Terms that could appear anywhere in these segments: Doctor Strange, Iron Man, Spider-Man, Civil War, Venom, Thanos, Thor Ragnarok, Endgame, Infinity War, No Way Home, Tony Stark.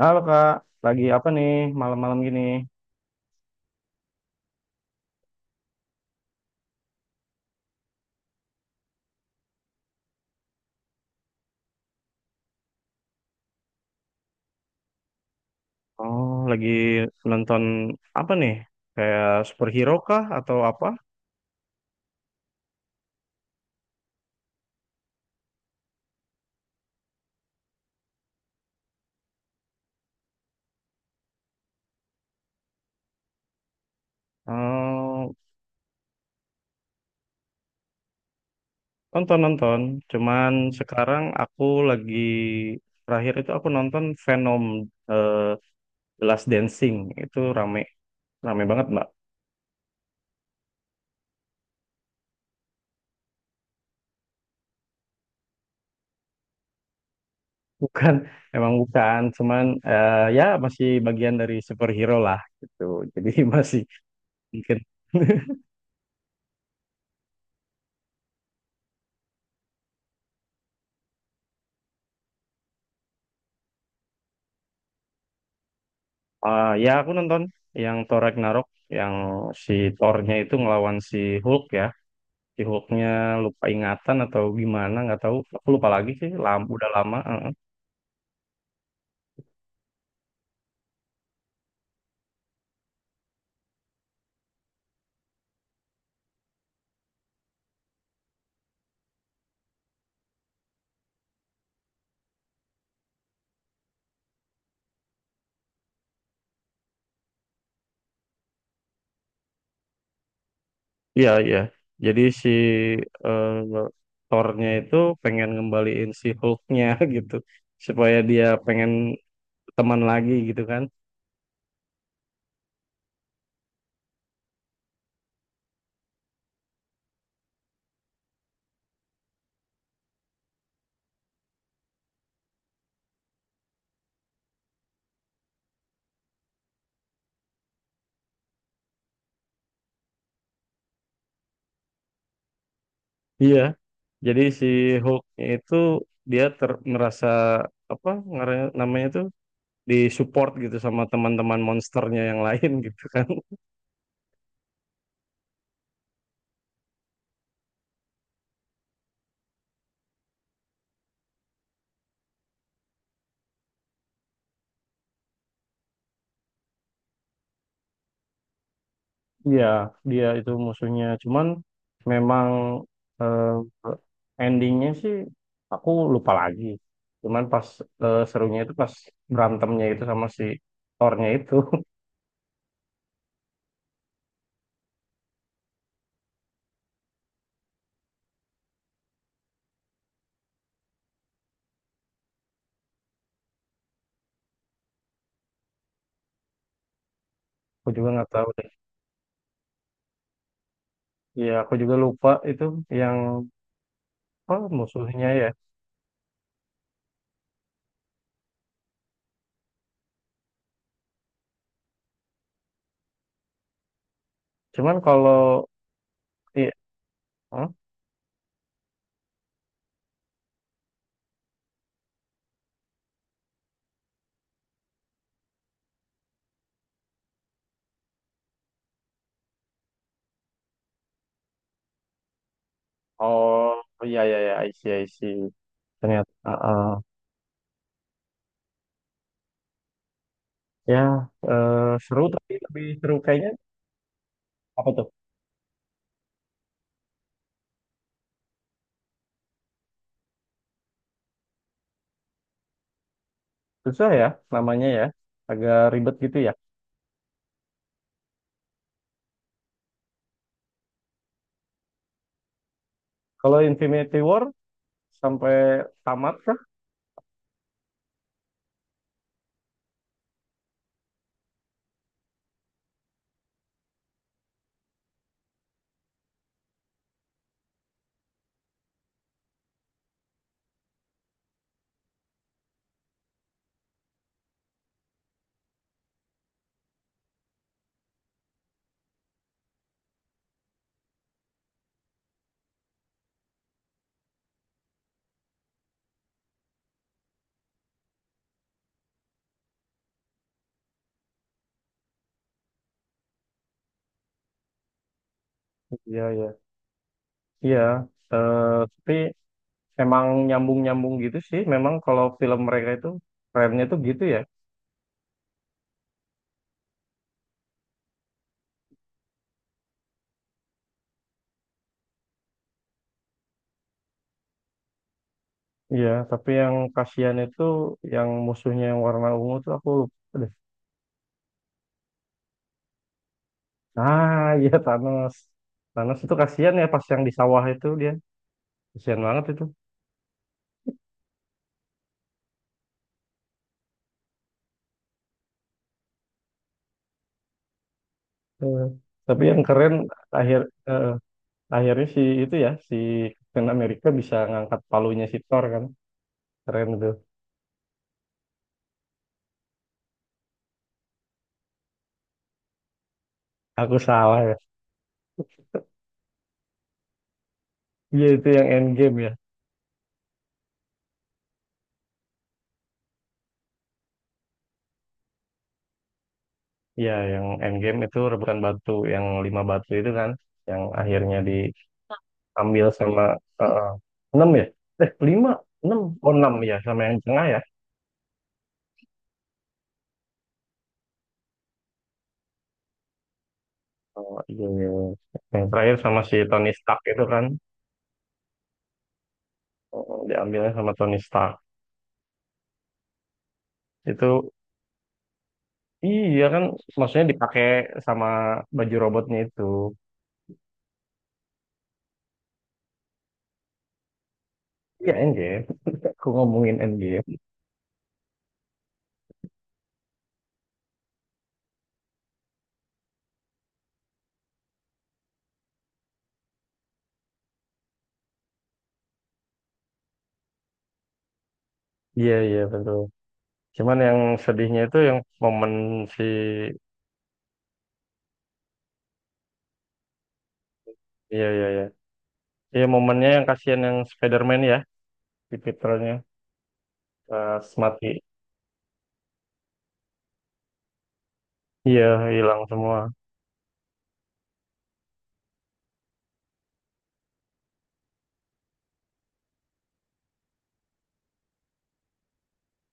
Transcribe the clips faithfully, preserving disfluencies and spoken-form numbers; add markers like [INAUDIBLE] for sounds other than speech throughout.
Halo Kak, lagi apa nih malam-malam gini? Oh, lagi nonton apa nih? Kayak superhero kah atau apa? Oh, nonton-nonton. Cuman sekarang aku lagi terakhir itu aku nonton Venom eh, The Last Dancing. Itu rame, rame banget Mbak. Bukan, [LAUGHS] emang bukan. Cuman eh, ya masih bagian dari superhero lah gitu. Jadi [LAUGHS] masih mungkin. [LAUGHS] Ah, ya aku nonton yang Thor Ragnarok yang si Thor-nya itu ngelawan si Hulk ya. Si Hulk-nya lupa ingatan atau gimana nggak tahu. Aku lupa lagi sih. Lama, udah lama. Heeh. Iya iya. Jadi si eh, Thor-nya itu pengen ngembaliin si Hulk-nya [LAUGHS] gitu supaya dia pengen teman lagi gitu kan. Iya. Jadi si Hulk itu dia ter merasa apa ngare- namanya itu di support gitu sama teman-teman monsternya yang lain [LAUGHS] gitu kan. Iya, dia itu musuhnya. Cuman memang eh, endingnya sih aku lupa lagi. Cuman pas eh, serunya itu pas berantemnya itu sama si Thor-nya itu. [LAUGHS] Aku juga nggak tahu deh. Iya, aku juga lupa itu yang apa musuhnya ya. Cuman kalau iya, hmm? Oh iya iya iya, I see, I see. Ternyata, ah, ah. Ya eh, seru tapi lebih seru kayaknya. Apa tuh? Susah ya namanya ya. Agak ribet gitu ya. Kalau Infinity War sampai tamat kah? Iya, iya. Iya. Eh, tapi emang nyambung-nyambung gitu sih. Memang kalau film mereka itu kerennya tuh gitu ya. Iya, tapi yang kasihan itu yang musuhnya yang warna ungu tuh aku lupa deh. Ah, iya Thanos. Thanos itu kasihan ya pas yang di sawah itu dia. Kasihan banget itu. Eh, tapi yang keren akhir eh, akhirnya si itu ya si Captain America bisa ngangkat palunya si Thor kan keren tuh. Aku salah ya, iya itu yang Endgame ya. Iya yang Endgame itu rebutan batu yang lima batu itu kan yang akhirnya diambil sama eh, eh, enam ya eh lima enam oh enam ya sama yang tengah ya. Oh, iya, iya, iya. Yang terakhir sama si Tony Stark itu kan. Oh, diambilnya sama Tony Stark itu iya kan maksudnya dipakai sama baju robotnya itu. Iya endgame. [LAUGHS] Aku ngomongin endgame. Iya, iya, betul. Cuman yang sedihnya itu yang momen si... Iya, iya, iya. Iya, momennya yang kasihan yang Spider-Man ya, si Peternya pas mati. Iya, hilang semua.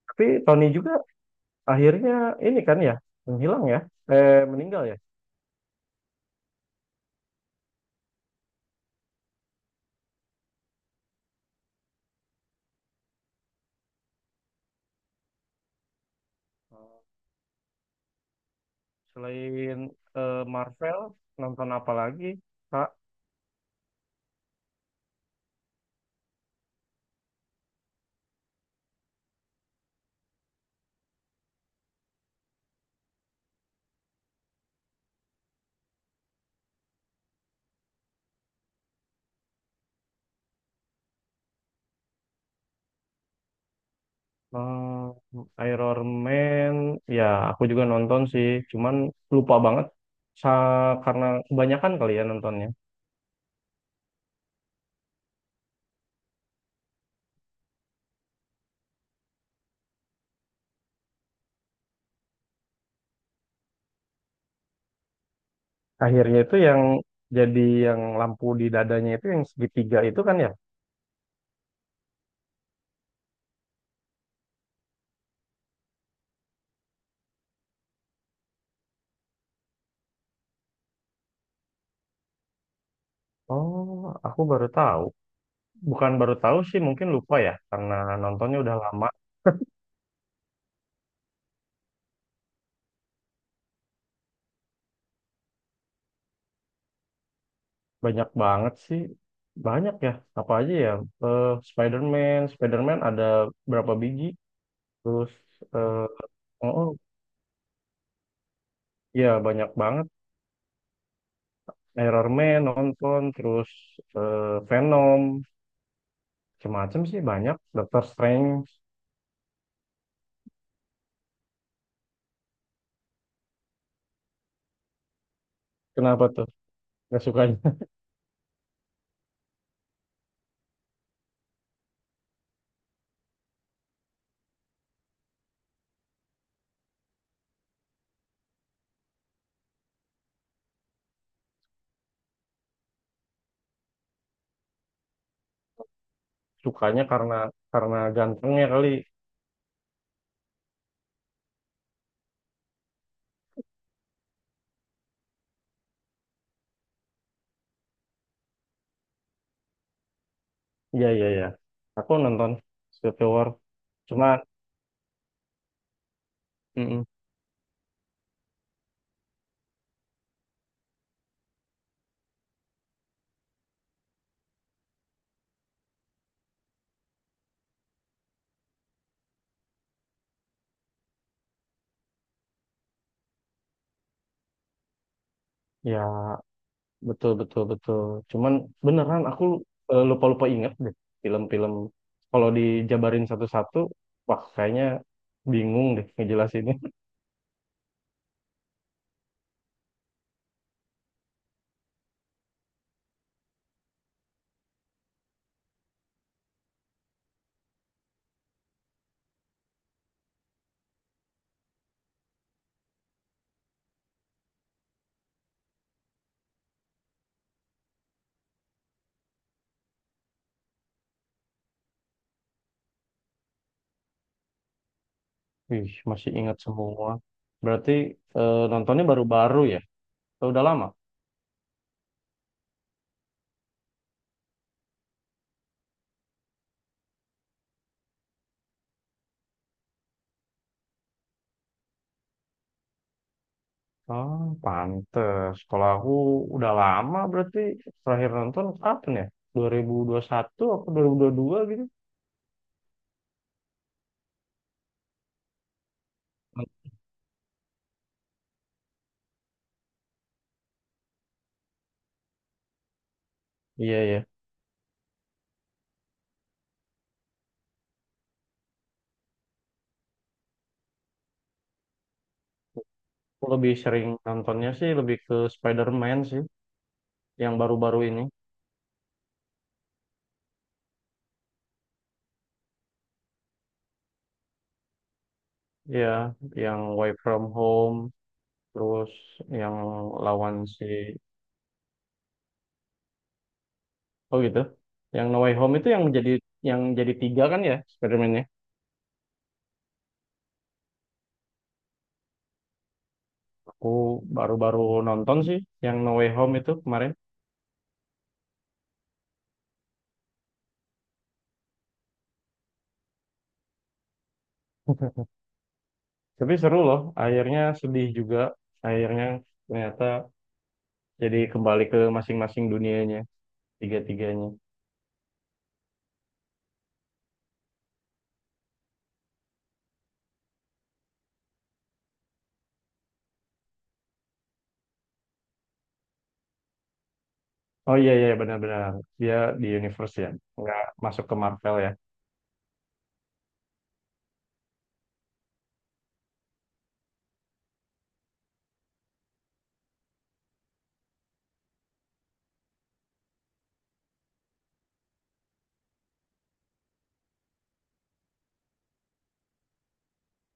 Tapi Tony juga akhirnya ini kan ya, menghilang ya, eh, meninggal ya. Selain eh, Marvel, nonton apa lagi? Kak? Hmm, Iron Man, ya aku juga nonton sih, cuman lupa banget sa- karena kebanyakan kali ya nontonnya. Akhirnya itu yang jadi yang lampu di dadanya itu yang segitiga itu kan ya? Oh, aku baru tahu. Bukan baru tahu sih, mungkin lupa ya karena nontonnya udah lama. Banyak banget sih. Banyak ya, apa aja ya? Eh, Spider-Man, Spider-Man ada berapa biji? Terus eh, oh, oh, ya banyak banget. Iron Man nonton terus eh, Venom macam-macam sih banyak Doctor Strange. Kenapa tuh nggak sukanya? [LAUGHS] Sukanya karena karena gantengnya kali. Iya iya iya aku nonton Civil War cuma mm-mm, ya betul betul betul cuman beneran aku eh, lupa-lupa inget deh film-film kalau dijabarin satu-satu wah kayaknya bingung deh ngejelasinnya. [LAUGHS] Wih, masih ingat semua. Berarti eh, nontonnya baru-baru ya? Udah lama? Ah, pantes. Kalau aku udah lama berarti terakhir nonton kapan ya? dua ribu dua puluh satu atau dua ribu dua puluh dua gitu? Iya, iya. Aku lebih sering nontonnya sih lebih ke Spider-Man sih, yang baru-baru ini. Iya, yang Way From Home, terus yang lawan si... Oh gitu? Yang No Way Home itu yang menjadi yang jadi tiga kan ya Spider-Man-nya? Aku baru-baru nonton sih yang No Way Home itu kemarin. Tapi seru loh, akhirnya sedih juga. Akhirnya ternyata jadi kembali ke masing-masing dunianya, tiga-tiganya. Oh iya, iya benar-benar. Dia di universe ya, nggak masuk ke Marvel ya.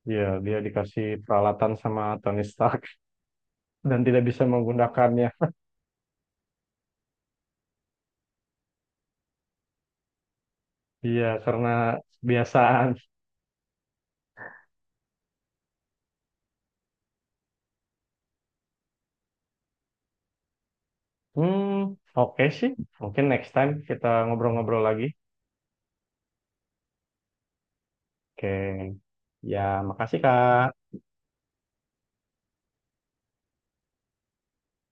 Iya, dia dikasih peralatan sama Tony Stark [LAUGHS] dan tidak bisa menggunakannya. Iya, karena kebiasaan. Hmm, oke sih. Mungkin next time kita ngobrol-ngobrol lagi. Oke. Ya, makasih Kak.